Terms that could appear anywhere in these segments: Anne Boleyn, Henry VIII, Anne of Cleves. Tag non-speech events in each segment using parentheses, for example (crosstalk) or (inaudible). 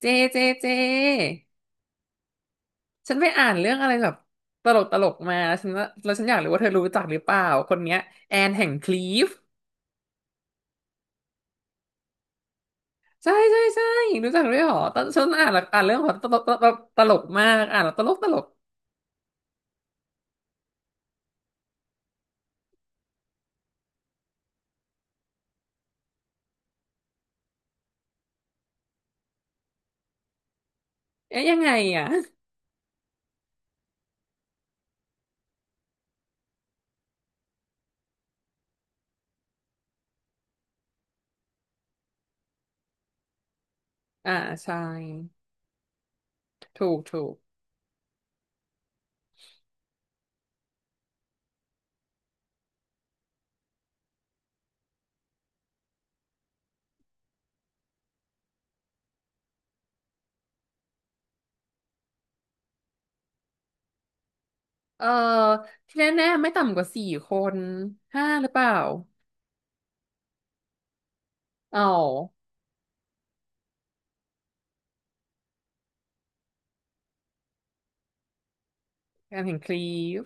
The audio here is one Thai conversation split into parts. เจเจเจฉันไปอ่านเรื่องอะไรแบบตลกตลกมาฉันว่าแล้วฉันอยากรู้ว่าเธอรู้จักหรือเปล่าคนเนี้ยแอนแห่งคลีฟใช่ใช่ใช่รู้จักด้วยเหรอตอนฉันอ่านแล้วอ่านเรื่องของตลกตลกตลกมากอ่านแล้วตลกตลกเอ๊ะยังไงอ่ะอ่าใช่ถูกถูกเออที่แน่ๆไม่ต่ำกว่าสี่คนห้าหรือเปล่าอ๋อแอนแห่งคลีฟ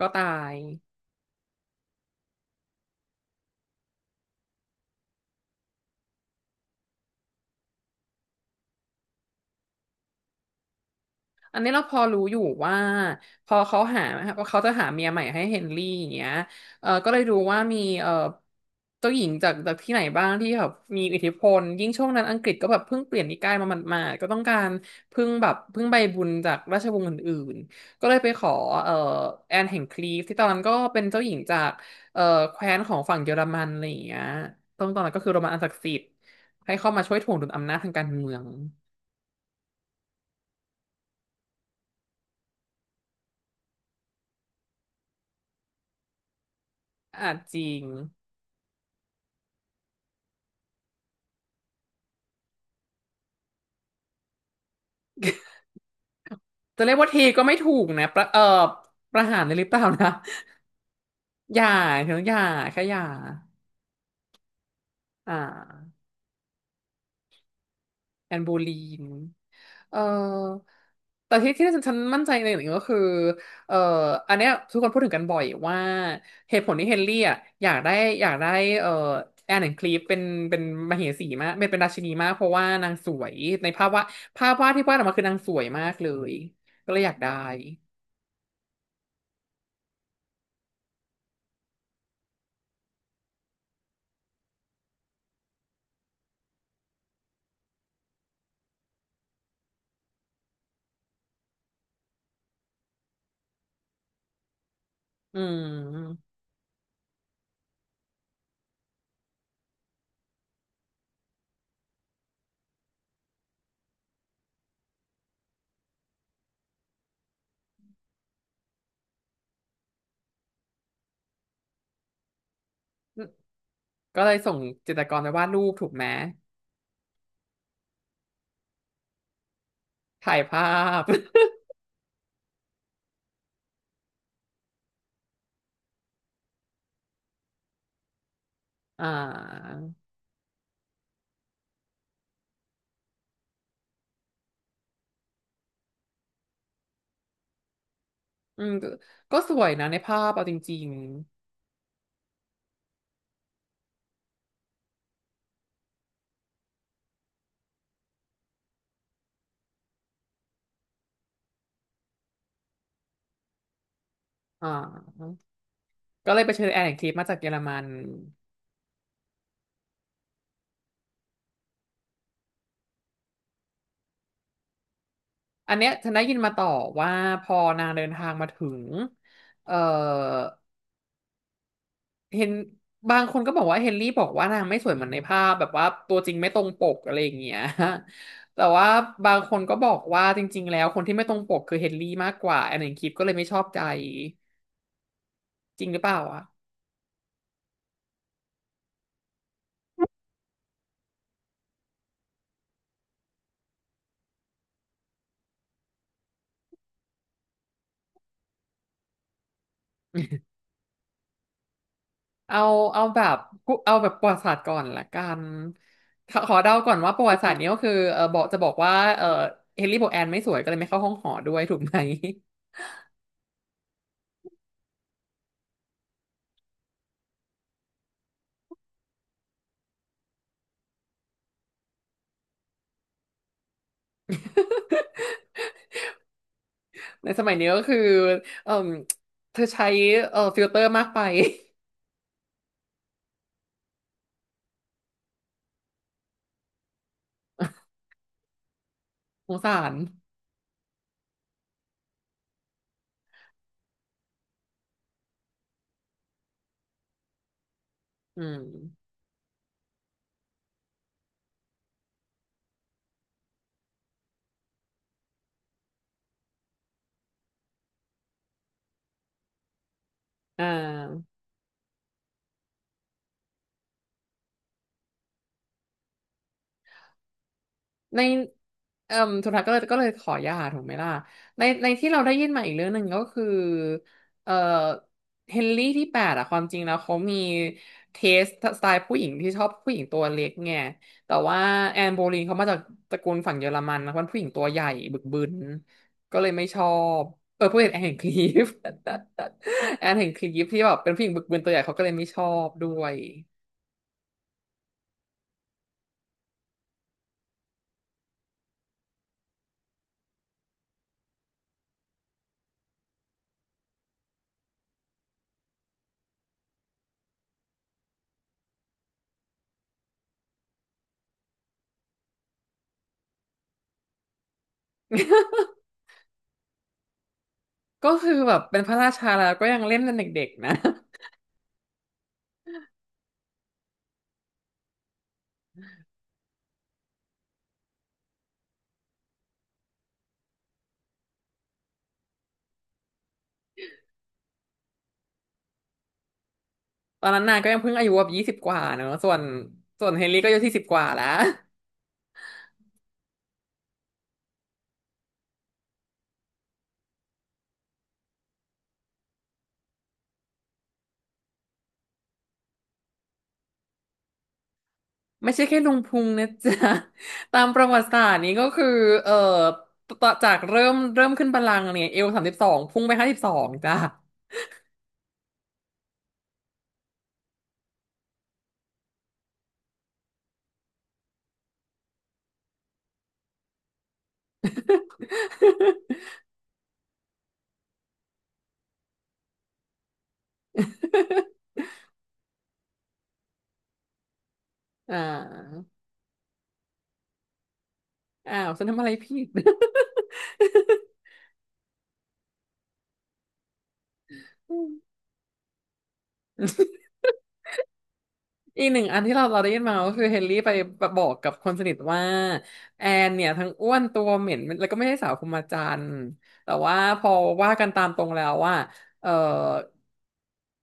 ก็ตาย อันนี้เราพอรู้อยู่ว่าพอเขาหาว่าเขาจะหาเมียใหม่ให้เฮนรี่อย่างเงี้ยเออก็เลยรู้ว่ามีเจ้าหญิงจากที่ไหนบ้างที่แบบมีอิทธิพลยิ่งช่วงนั้นอังกฤษก็แบบเพิ่งเปลี่ยนนิกายมาหมาดๆก็ต้องการพึ่งใบบุญจากราชวงศ์อื่นๆก็เลยไปขอเออแอนแห่งคลีฟที่ตอนนั้นก็เป็นเจ้าหญิงจากเออแคว้นของฝั่งเยอรมันอะไรอย่างเงี้ยตรงตอนนั้นก็คือโรมันอันศักดิ์สิทธิ์ให้เข้ามาช่วยถ่วงดุลอำนาจทางการเมืองอ่ะจริง จะเรียกว่าทีก็ไม่ถูกนะประหารเลยหรือเปล่านะ (laughs) อย่าถึงอย่าแค่อย่าอ่าแอนโบลีนเออแต่ที่ฉันมั่นใจในอย่างหนึ่งก็คือเอออันเนี้ยทุกคนพูดถึงกันบ่อยว่าเหตุผลที่เฮนรี่อ่ะอยากได้อยากได้เออแอนคลีฟเป็นมเหสีมากเป็นราชินีมากเพราะว่านางสวยในภาพวาดภาพวาดที่วาดออกมาคือนางสวยมากเลยก็เลยอยากได้อืม ก็เลยส่งจิตรกรไปวาดรูปถูกไหมถ่ายภาพ (laughs) อ่าอืมก็สวยนะในภาพเอาจริงๆอ่าก็เลยไปเชิญแอนคลิปมาจากเยอรมันอันเนี้ยฉันได้ยินมาต่อว่าพอนางเดินทางมาถึงเอ่อเห็นบางคนก็บอกว่าเฮนรี่บอกว่านางไม่สวยเหมือนในภาพแบบว่าตัวจริงไม่ตรงปกอะไรอย่างเงี้ย (laughs) แต่ว่าบางคนก็บอกว่าจริงๆแล้วคนที่ไม่ตรงปกคือเฮนรี่มากกว่าแอนแอนคลิปก็เลยไม่ชอบใจจริงหรือเปล่าอ่ะ เอาเอาแบบเอาแบบประวัติศาสตร์ก่อนละกันขอเดาก่อนว่าประวัติศาสตร์นี้ก็คือบอกจะบอกว่าเออเฮนรี่โบแอนไม่สวยก็เลยไม่เข้าห้องหอด้วยถูกไหม (laughs) ในสมัยนี้ก็คือเออเธอใช้ฟิลเตอร์มากไป (laughs) สงสารอืมอ่า ในเอ่มสุดท้ายก็เลยขอหย่าถูกไหมล่ะในที่เราได้ยินมาอีกเรื่องหนึ่งก็คือเอ่อเฮนรี่ที่แปดอะความจริงแล้วเขามีเทสสไตล์ผู้หญิงที่ชอบผู้หญิงตัวเล็กไงแต่ว่าแอนโบลีนเขามาจากตระกูลฝั่งเยอรมันนะเป็นผู้หญิงตัวใหญ่บึกบึนก็เลยไม่ชอบผู้หญิงแอนแห่งคลีฟ (laughs) แอนแห่งคลีฟ (laughs) ที่แบบเป็นผู้หญิงบึกบึนตัวใหญ่เขาก็เลยไม่ชอบด้วยก็คือแบบเป็นพระราชาแล้วก็ยังเล่นเป็นเด็กๆนะ ตอนนั้นนางก็ยังเพิ่งอายุแบบ20กว่าเนอะ ส่วนเฮนรี่ก็อายุที่สิบกว่าแล้ว (laughs) ไม่ใช่แค่ลุงพุงนะจ๊ะ (laughs) ตามประวัติศาสตร์นี้ก็คือเอ่อต่อจากเริ่มขึ้นบัลลังก์เนี่ยเอว32พุ่งไป52จ้ะ (laughs) อ่าอ้าวฉันทำอะไรผิด (laughs) อื อีกหนึ่งอันที่เราได้ยินมาก็คือเฮนรี่ไปบอกกับคนสนิทว่าแอนเนี่ยทั้งอ้วนตัวเหม็นแล้วก็ไม่ใช่สาวคุมาจันทร์แต่ว่าพอว่ากันตามตรงแล้วว่าเอ่อ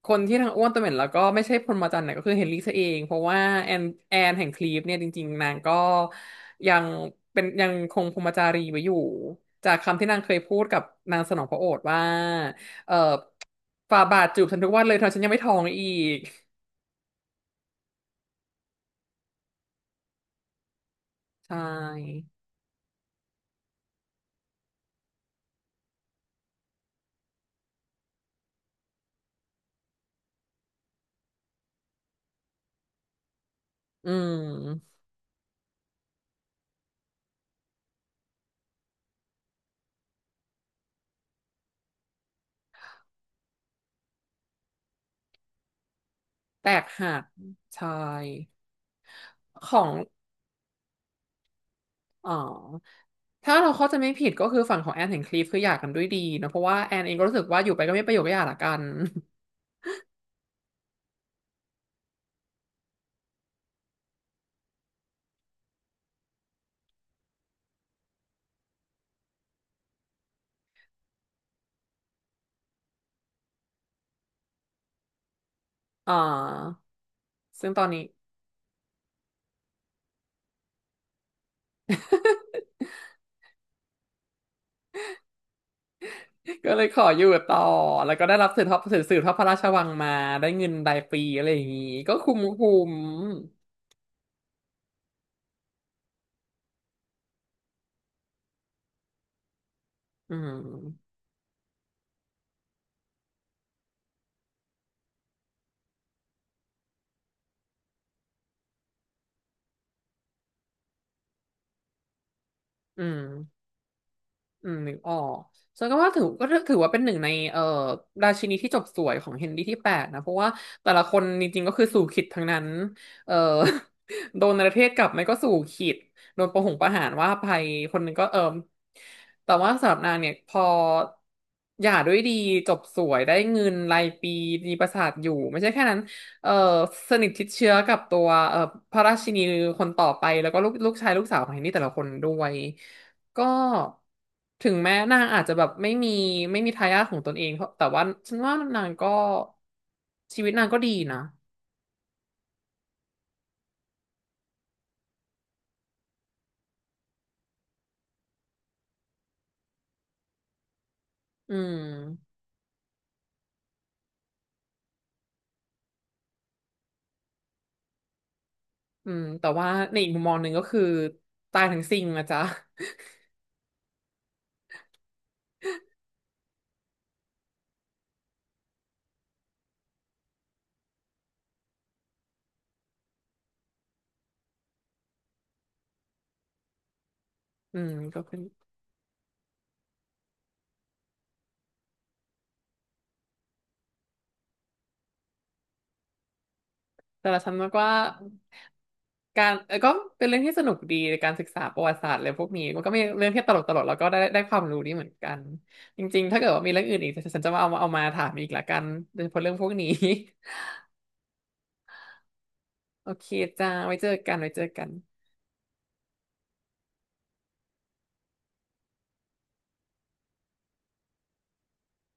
คนที่ทั้งอ้วนตัวเหม็นแล้วก็ไม่ใช่พรหมจันทรย์เนี่ยก็คือเฮนรี่ซะเองเพราะว่าแอนแห่งคลีฟเนี่ยจริงๆนางก็ยังเป็นยังคงพรหมจารีไว้อยู่จากคำที่นางเคยพูดกับนางสนองพระโอษฐ์ว่าเอ่อฝ่าบาทจูบฉันทุกวันเลยเธอฉันยังไม่ท้องอีกใช่ อืมแตกหักใช่ของอ๋อถ้าเราเข้าใจไม่ผิดก็คือฝั่งของแอนเห็นคลิปคือหย่ากันด้วยดีเนอะเพราะว่าแอนเองก็รู้สึกว่าอยู่ไปก็ไม่ประโยชน์ก็หย่าละกัน (laughs) อ่าซึ่งตอนนี้ (laughs) ก็เลยขออยู่ต่อแล้วก็ได้รับสืบทอดพระราชวังมาได้เงินรายปีอะไรอย่างงี้ก็คุ้มคุ้มอืมอืม อืมนึกออกฉันก็ว่าถือก็ถือว่าเป็นหนึ่งในราชินีที่จบสวยของเฮนรี่ที่แปดนะเพราะว่าแต่ละคนจริงๆก็คือสู่ขิตทั้งนั้นเอ่อ (laughs) โดนประเทศกลับไม่ก็สู่ขิตโดนประหารว่าไปคนหนึ่งก็เอิ่มแต่ว่าสำหรับนางเนี่ยพอหย่าด้วยดีจบสวยได้เงินรายปีมีปราสาทอยู่ไม่ใช่แค่นั้นเอ่อสนิทชิดเชื้อกับตัวพระราชินีคนต่อไปแล้วก็ลูกชายลูกสาวของเฮนรี่แต่ละคนด้วย ก็ถึงแม้นางอาจจะแบบไม่มีทายาทของตนเองเพราะแต่ว่าฉันว่านางก็ชีวิตนางก็ดีนะอืมอืมแต่ว่าในอีกมุมมองหนึ่งก็คือตายทั้งซิ่งนะจ๊ะ (laughs) อืมก็คือแต่ละฉันว่าการก็เป็นเรื่องที่สนุกดีในการศึกษาประวัติศาสตร์อะไรพวกนี้มันก็มีเรื่องที่ตลกตลกแล้วก็ได้ความรู้ดีเหมือนกันจริงๆถ้าเกิดว่ามีเรื่องอื่นอีกฉันจะมาเอามาถามอีกละกันโดยเฉพาะเรื่องพวกนี้ (laughs) โอเคจ้าไว้เจอกันไว้เจอกัน